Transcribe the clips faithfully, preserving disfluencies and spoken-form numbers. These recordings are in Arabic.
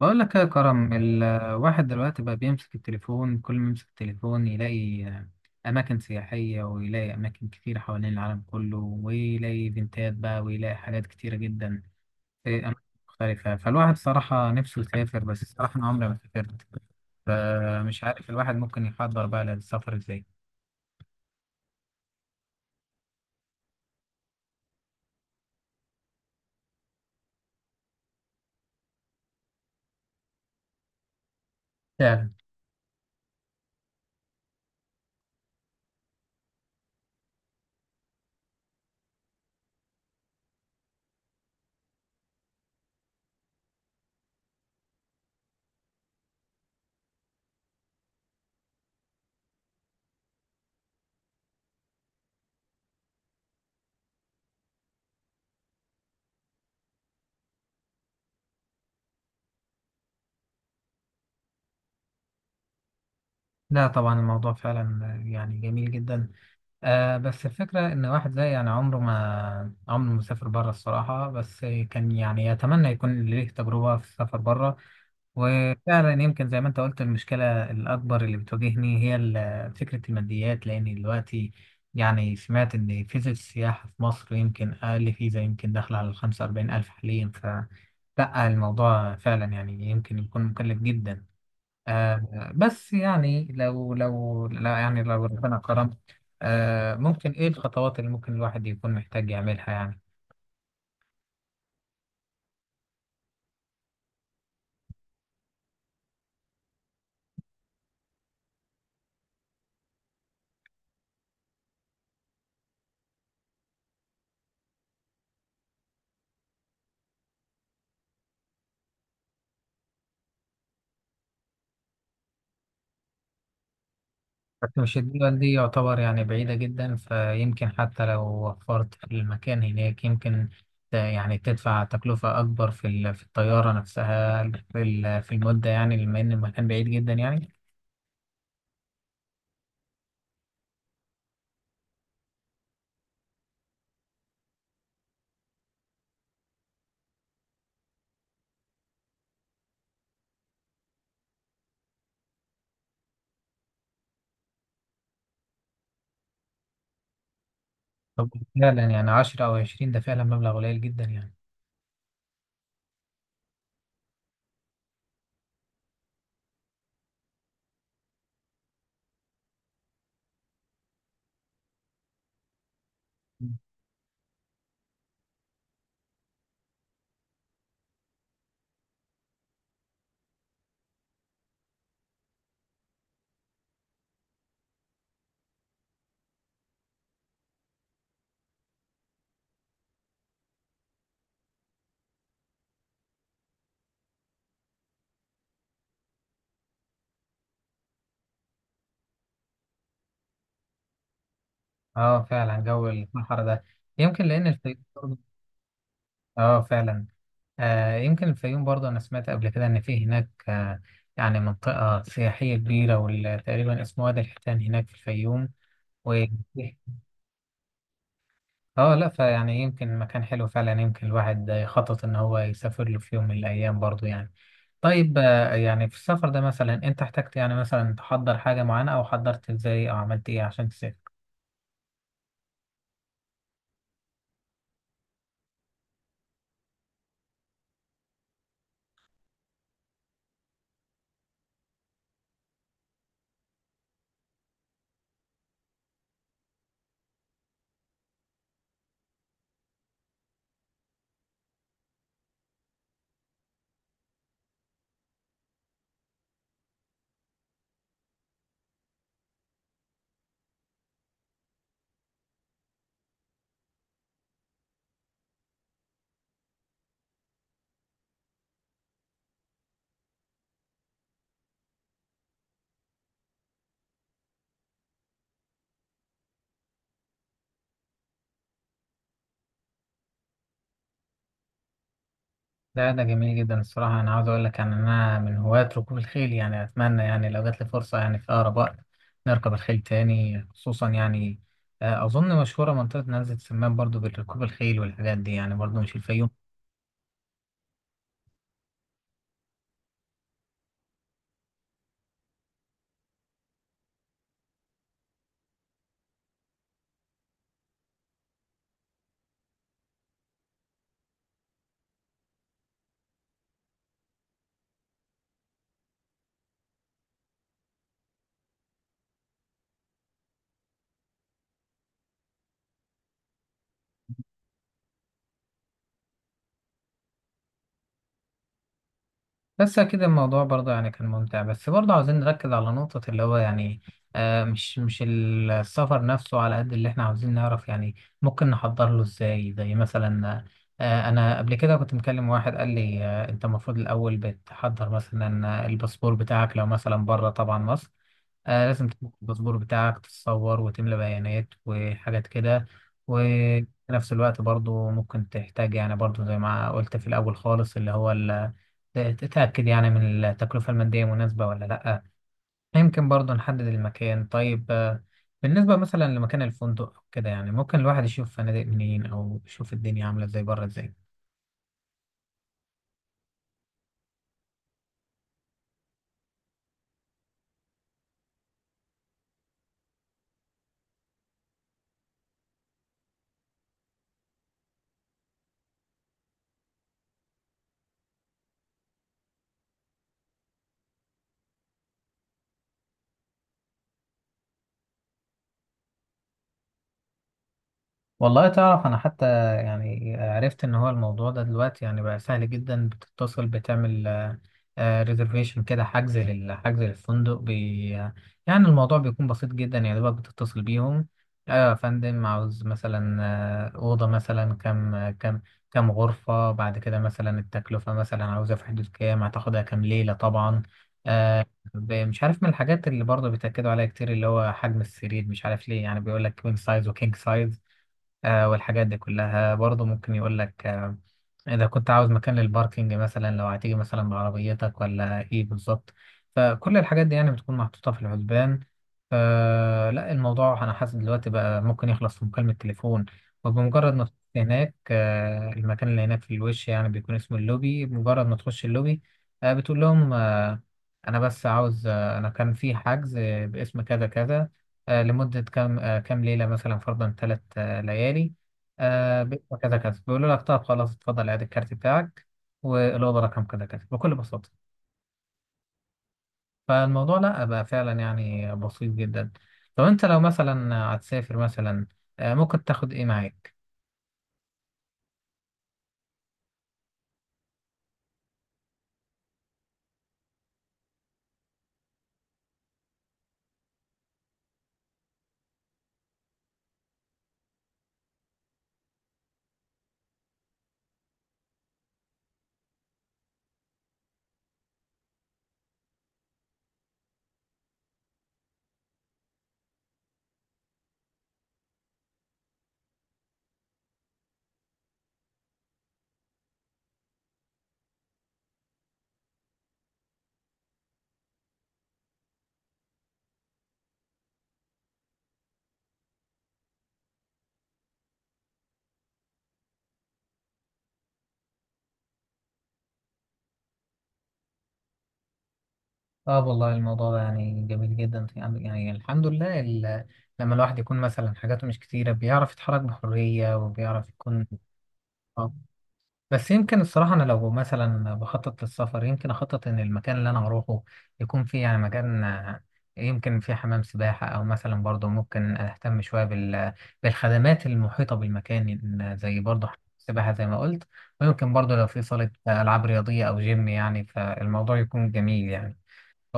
بقول لك يا كرم، الواحد دلوقتي بقى بيمسك التليفون. كل ما يمسك التليفون يلاقي أماكن سياحية، ويلاقي أماكن كتير حوالين العالم كله، ويلاقي إيفنتات بقى، ويلاقي حاجات كتيرة جدا في أماكن مختلفة. فالواحد صراحة نفسه يسافر، بس الصراحة أنا عمري ما سافرت، فمش عارف الواحد ممكن يحضر بقى للسفر إزاي. فعلا. لا طبعا الموضوع فعلا يعني جميل جدا. آه بس الفكرة إن واحد زي يعني عمره ما عمره ما سافر بره الصراحة، بس كان يعني يتمنى يكون ليه تجربة في السفر بره. وفعلا يمكن زي ما أنت قلت، المشكلة الأكبر اللي بتواجهني هي ال- فكرة الماديات، لأن دلوقتي يعني سمعت إن فيزا السياحة في مصر يمكن أقل فيزا، يمكن داخلة على الخمسة وأربعين ألف حاليا. ف لأ، الموضوع فعلا يعني يمكن يكون مكلف جدا. آه بس يعني لو لو لا يعني لو ربنا كرم، آه ممكن ايه الخطوات اللي ممكن الواحد يكون محتاج يعملها يعني؟ بس مش الدول دي يعتبر يعني بعيدة جدا، فيمكن حتى لو وفرت في المكان هناك، يمكن ت- يعني تدفع تكلفة أكبر في ال- في الطيارة نفسها، في ال- في المدة، يعني لما إن المكان بعيد جدا يعني. طب فعلا يعني عشرة أو عشرين ده فعلا مبلغ قليل جدا يعني. اه فعلا جو الصحراء ده، يمكن لأن الفيروز برضه- اه فعلا. آه يمكن الفيوم برضه أنا سمعت قبل كده إن في هناك آه يعني منطقة سياحية كبيرة، واللي تقريبا اسمه وادي الحيتان هناك في الفيوم و اه لا. فيعني يمكن مكان حلو فعلا، يمكن الواحد يخطط إن هو يسافر له في يوم من الأيام برضه يعني. طيب آه يعني في السفر ده مثلا أنت احتجت يعني مثلا تحضر حاجة معينة، أو حضرت إزاي، أو عملت إيه عشان تسافر؟ ده ده جميل جدا الصراحة. أنا عاوز أقول لك يعني أنا من هواة ركوب الخيل، يعني أتمنى يعني لو جات لي فرصة يعني في أقرب وقت نركب الخيل تاني. خصوصا يعني آه، أظن مشهورة منطقة نزلة سمان برضو بركوب الخيل والحاجات دي، يعني برضو مش الفيوم. بس أكيد الموضوع برضه يعني كان ممتع، بس برضه عاوزين نركز على نقطة اللي هو يعني آه مش مش السفر نفسه على قد اللي احنا عاوزين نعرف يعني ممكن نحضر له ازاي. زي مثلا آه أنا قبل كده كنت مكلم واحد قال لي آه أنت المفروض الأول بتحضر مثلا الباسبور بتاعك لو مثلا بره طبعا مصر. آه لازم تملك الباسبور بتاعك، تتصور، وتملى بيانات وحاجات كده. وفي نفس الوقت برضو ممكن تحتاج يعني برضو زي ما قلت في الأول خالص، اللي هو ال- تتأكد يعني من التكلفة المادية مناسبة ولا لأ. يمكن برضو نحدد المكان. طيب آه، بالنسبة مثلا لمكان الفندق أو كده يعني ممكن الواحد يشوف فنادق منين، أو يشوف الدنيا عاملة ازاي بره ازاي؟ والله تعرف انا حتى يعني عرفت ان هو الموضوع ده دلوقتي يعني بقى سهل جدا. بتتصل، بتعمل ريزرفيشن كده، حجز لل- حجز للفندق بي يعني الموضوع بيكون بسيط جدا، يعني دوبك بتتصل بيهم: ايوه يا فندم، عاوز مثلا آه، اوضه مثلا. كم كم كم غرفه، بعد كده مثلا التكلفه مثلا عاوزها في حدود كام، هتاخدها كام ليله طبعا. آه، ب- مش عارف من الحاجات اللي برضه بيتأكدوا عليها كتير اللي هو حجم السرير، مش عارف ليه، يعني بيقول لك كوين سايز وكينج سايز. آه والحاجات دي كلها برضه ممكن يقول لك آه إذا كنت عاوز مكان للباركينج مثلا، لو هتيجي مثلا بعربيتك ولا إيه بالظبط. فكل الحاجات دي يعني بتكون محطوطة في الحسبان. آه لا الموضوع أنا حاسس دلوقتي بقى ممكن يخلص في مكالمة تليفون. وبمجرد ما تخش هناك، آه المكان اللي هناك في الوش يعني بيكون اسمه اللوبي، بمجرد ما تخش اللوبي آه بتقول لهم: آه أنا بس عاوز آه أنا كان في حجز باسم كذا كذا، آه، لمدة كام، آه، كام ليلة، مثلا فرضا ثلاث آه، ليالي، آه، ب- وكذا كذا. بيقولوا لك: طب خلاص، اتفضل عاد الكارت بتاعك، والأوضة رقم كذا كذا، بكل بساطة. فالموضوع لا بقى فعلا يعني بسيط جدا. طب أنت لو مثلا هتسافر مثلا، آه، ممكن تاخد إيه معاك؟ اه والله الموضوع ده يعني جميل جدا يعني. يعني الحمد لله، ال- لما الواحد يكون مثلا حاجاته مش كتيرة، بيعرف يتحرك بحرية، وبيعرف يكون. بس يمكن الصراحة أنا لو مثلا بخطط للسفر، يمكن أخطط إن المكان اللي أنا هروحه يكون فيه يعني مكان آه، يمكن فيه حمام سباحة، أو مثلا برضه ممكن أهتم شوية بال... بالخدمات المحيطة بالمكان، إن زي برضه حمام سباحة زي ما قلت. ويمكن برضه لو في صالة ألعاب رياضية أو جيم يعني، فالموضوع يكون جميل يعني.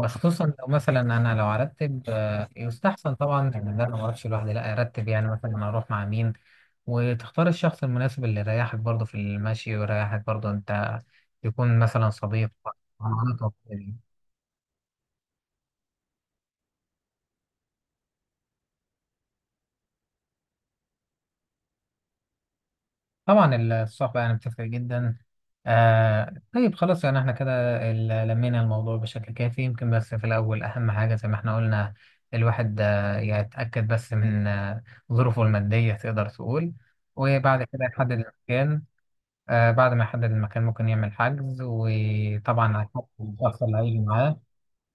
خصوصا لو مثلا انا لو ارتب، آه، يستحسن طبعا ان انا ما اروحش لوحدي، لا ارتب يعني مثلا انا اروح مع مين، وتختار الشخص المناسب اللي يريحك برضه في المشي، ويريحك برضه انت، يكون مثلا صديق. طبعا. الصحبة يعني بتفرق جدا. آه طيب خلاص، يعني احنا كده ال- لمينا الموضوع بشكل كافي. يمكن بس في الأول أهم حاجة زي ما احنا قلنا، الواحد آه، يتأكد بس من آه، ظروفه المادية، تقدر تقول. وبعد كده يحدد المكان. آه، بعد ما يحدد المكان ممكن يعمل حجز، وطبعا على حسب الشخص اللي هيجي معاه،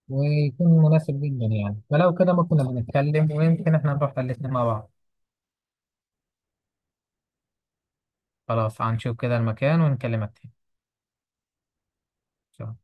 ويكون مناسب جدا يعني. فلو كده ممكن نبقى نتكلم، ويمكن احنا نروح الاتنين مع بعض. خلاص، هنشوف كده المكان ونكلمك تاني.